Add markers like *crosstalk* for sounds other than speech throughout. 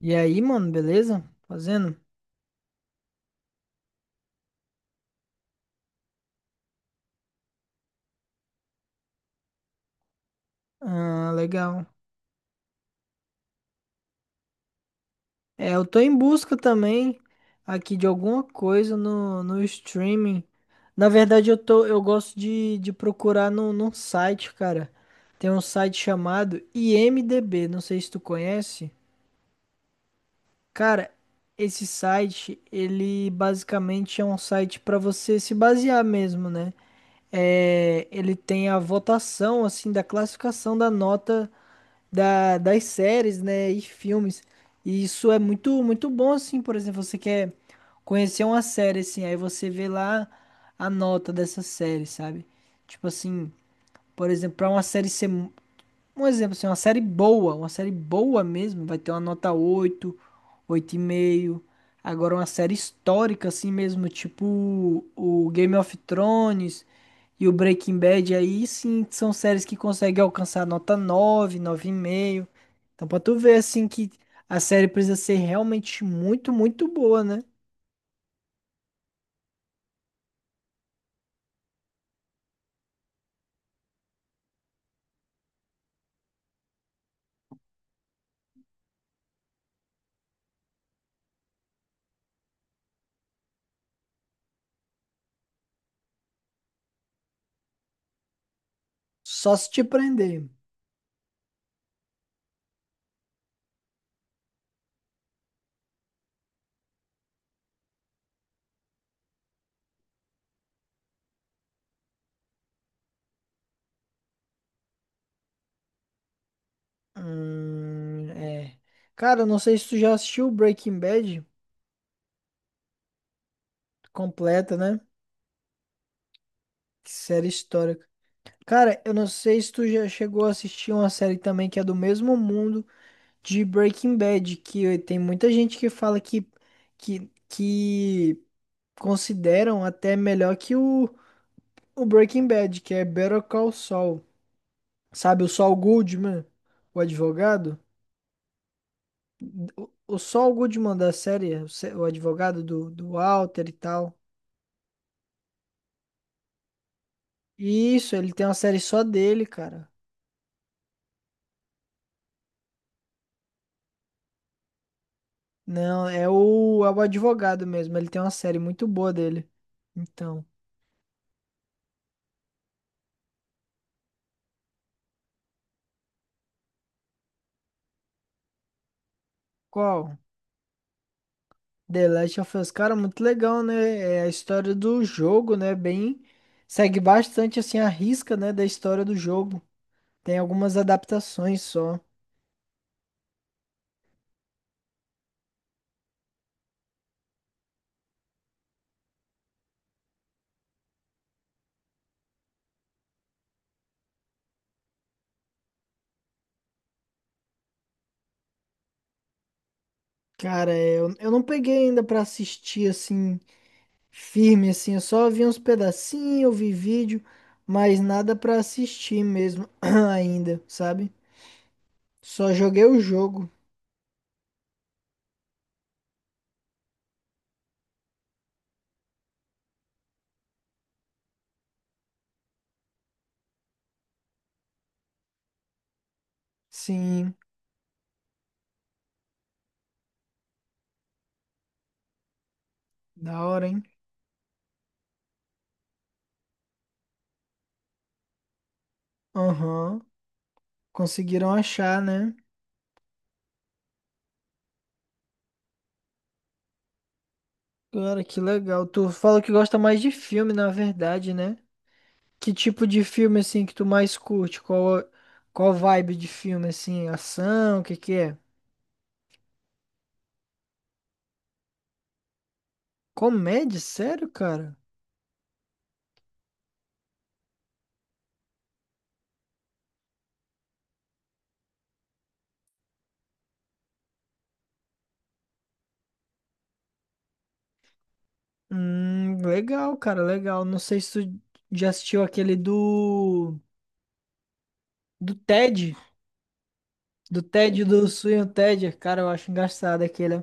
E aí, mano, beleza? Fazendo? Ah, legal. É, eu tô em busca também aqui de alguma coisa no streaming. Na verdade, eu gosto de procurar no, num site, cara. Tem um site chamado IMDb, não sei se tu conhece. Cara, esse site, ele basicamente é um site pra você se basear mesmo, né? É, ele tem a votação, assim, da classificação da nota das séries, né, e filmes. E isso é muito, muito bom, assim, por exemplo, você quer conhecer uma série, assim, aí você vê lá a nota dessa série, sabe? Tipo assim, por exemplo, para uma um exemplo, assim, uma série boa mesmo, vai ter uma nota oito, 8,5. Agora, uma série histórica, assim mesmo, tipo o Game of Thrones, e o Breaking Bad, aí sim, são séries que conseguem alcançar nota nove, 9,5. Então pra tu ver assim que a série precisa ser realmente muito, muito boa, né? Só se te prender. É. Cara, eu não sei se tu já assistiu Breaking Bad completa, né? Que série histórica. Cara, eu não sei se tu já chegou a assistir uma série também que é do mesmo mundo de Breaking Bad, que tem muita gente que fala que consideram até melhor que o Breaking Bad, que é Better Call Saul. Sabe, o Saul Goodman, o advogado? O Saul Goodman da série, o, se- o advogado do Walter e tal. Isso, ele tem uma série só dele, cara. Não, é o advogado mesmo. Ele tem uma série muito boa dele. Então, qual? The Last of Us, cara, muito legal, né? É a história do jogo, né? Bem, segue bastante assim a risca, né, da história do jogo. Tem algumas adaptações só. Cara, é, eu não peguei ainda pra assistir assim, firme assim. Eu só vi uns pedacinhos, eu vi vídeo, mas nada pra assistir mesmo *clears throat* ainda, sabe? Só joguei o jogo. Sim, da hora, hein? Aham. Conseguiram achar, né? Cara, que legal. Tu fala que gosta mais de filme, na verdade, né? Que tipo de filme assim que tu mais curte? Qual qual vibe de filme assim? Ação, o que que é? Comédia? Sério, cara? Legal, cara, legal. Não sei se tu já assistiu aquele do Ted, do Ted do Sweeney Ted. Cara, eu acho engraçado aquele.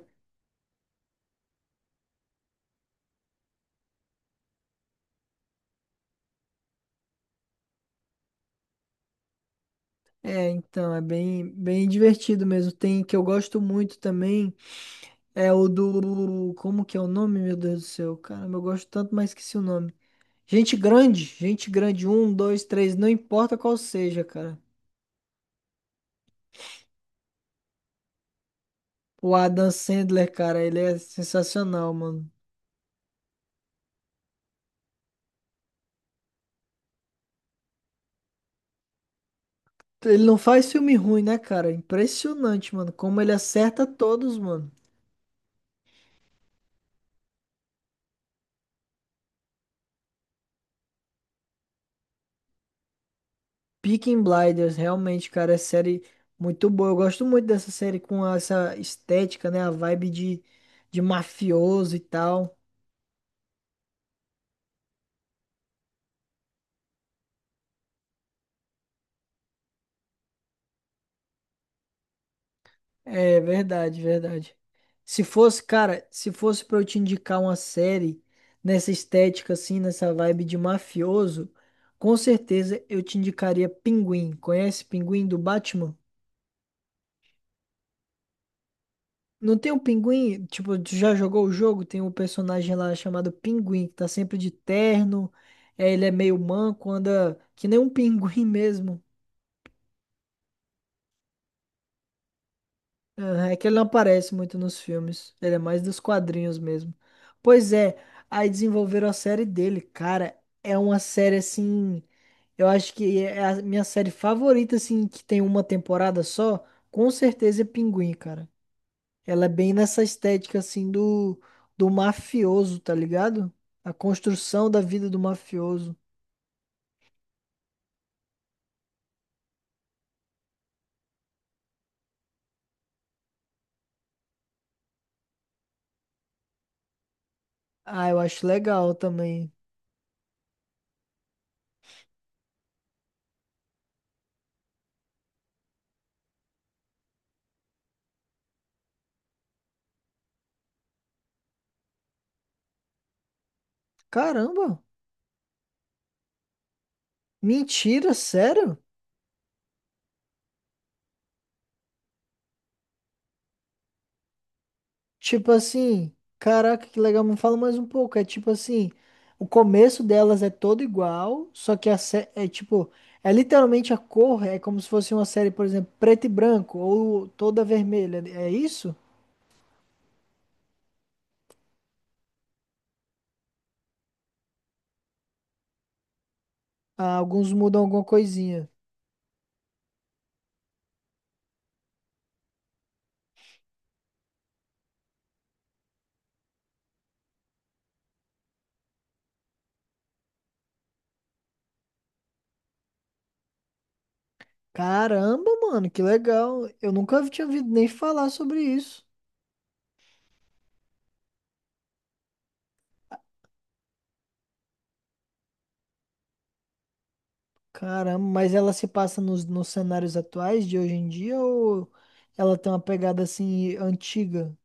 É, então, é bem bem divertido mesmo. Tem que eu gosto muito também, é o do como que é o nome, meu Deus do céu. Caramba, eu gosto tanto, mas esqueci o nome. Gente grande, um, dois, três, não importa qual seja, cara. O Adam Sandler, cara, ele é sensacional, mano. Ele não faz filme ruim, né, cara? Impressionante, mano. Como ele acerta todos, mano. Peaky Blinders, realmente, cara, é série muito boa. Eu gosto muito dessa série com essa estética, né? A vibe de mafioso e tal. É verdade, verdade. Se fosse, cara, se fosse pra eu te indicar uma série nessa estética, assim, nessa vibe de mafioso, com certeza eu te indicaria Pinguim. Conhece Pinguim do Batman? Não tem o pinguim? Tipo, tu já jogou o jogo? Tem um personagem lá chamado Pinguim, que tá sempre de terno. É, ele é meio manco, anda que nem um *laughs* pinguim mesmo. Aham, é que ele não aparece muito nos filmes. Ele é mais dos quadrinhos mesmo. Pois é, aí desenvolveram a série dele. Cara, é uma série assim. Eu acho que é a minha série favorita, assim, que tem uma temporada só. Com certeza é Pinguim, cara. Ela é bem nessa estética assim do, do mafioso, tá ligado? A construção da vida do mafioso. Ah, eu acho legal também. Caramba! Mentira, sério? Tipo assim, caraca, que legal, me fala mais um pouco. É tipo assim, o começo delas é todo igual, só que é tipo, é literalmente a cor, é como se fosse uma série, por exemplo, preto e branco, ou toda vermelha. É isso? Ah, alguns mudam alguma coisinha. Caramba, mano, que legal. Eu nunca tinha ouvido nem falar sobre isso. Caramba, mas ela se passa nos cenários atuais de hoje em dia ou ela tem uma pegada assim antiga?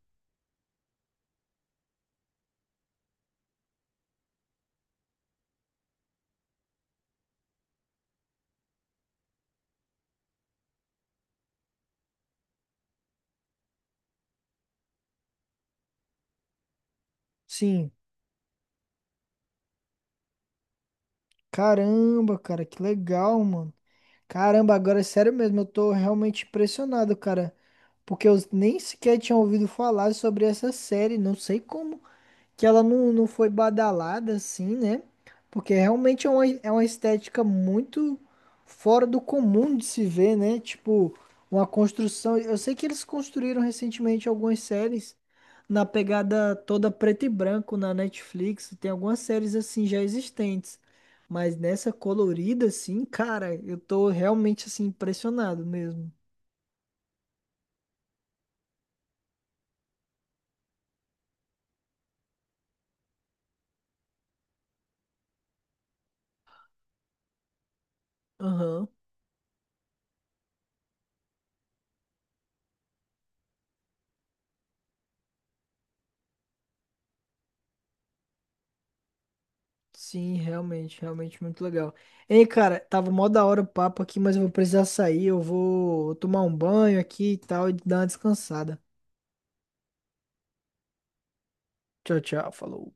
Sim. Caramba, cara, que legal, mano. Caramba, agora é sério mesmo, eu tô realmente impressionado, cara, porque eu nem sequer tinha ouvido falar sobre essa série, não sei como que ela não foi badalada assim, né? Porque realmente é uma estética muito fora do comum de se ver, né? Tipo, uma construção. Eu sei que eles construíram recentemente algumas séries na pegada toda preto e branco na Netflix. Tem algumas séries assim já existentes. Mas nessa colorida, assim, cara, eu tô realmente assim impressionado mesmo. Aham. Sim, realmente, realmente muito legal. Ei, cara, tava mó da hora o papo aqui, mas eu vou precisar sair. Eu vou tomar um banho aqui e tal e dar uma descansada. Tchau, tchau, falou.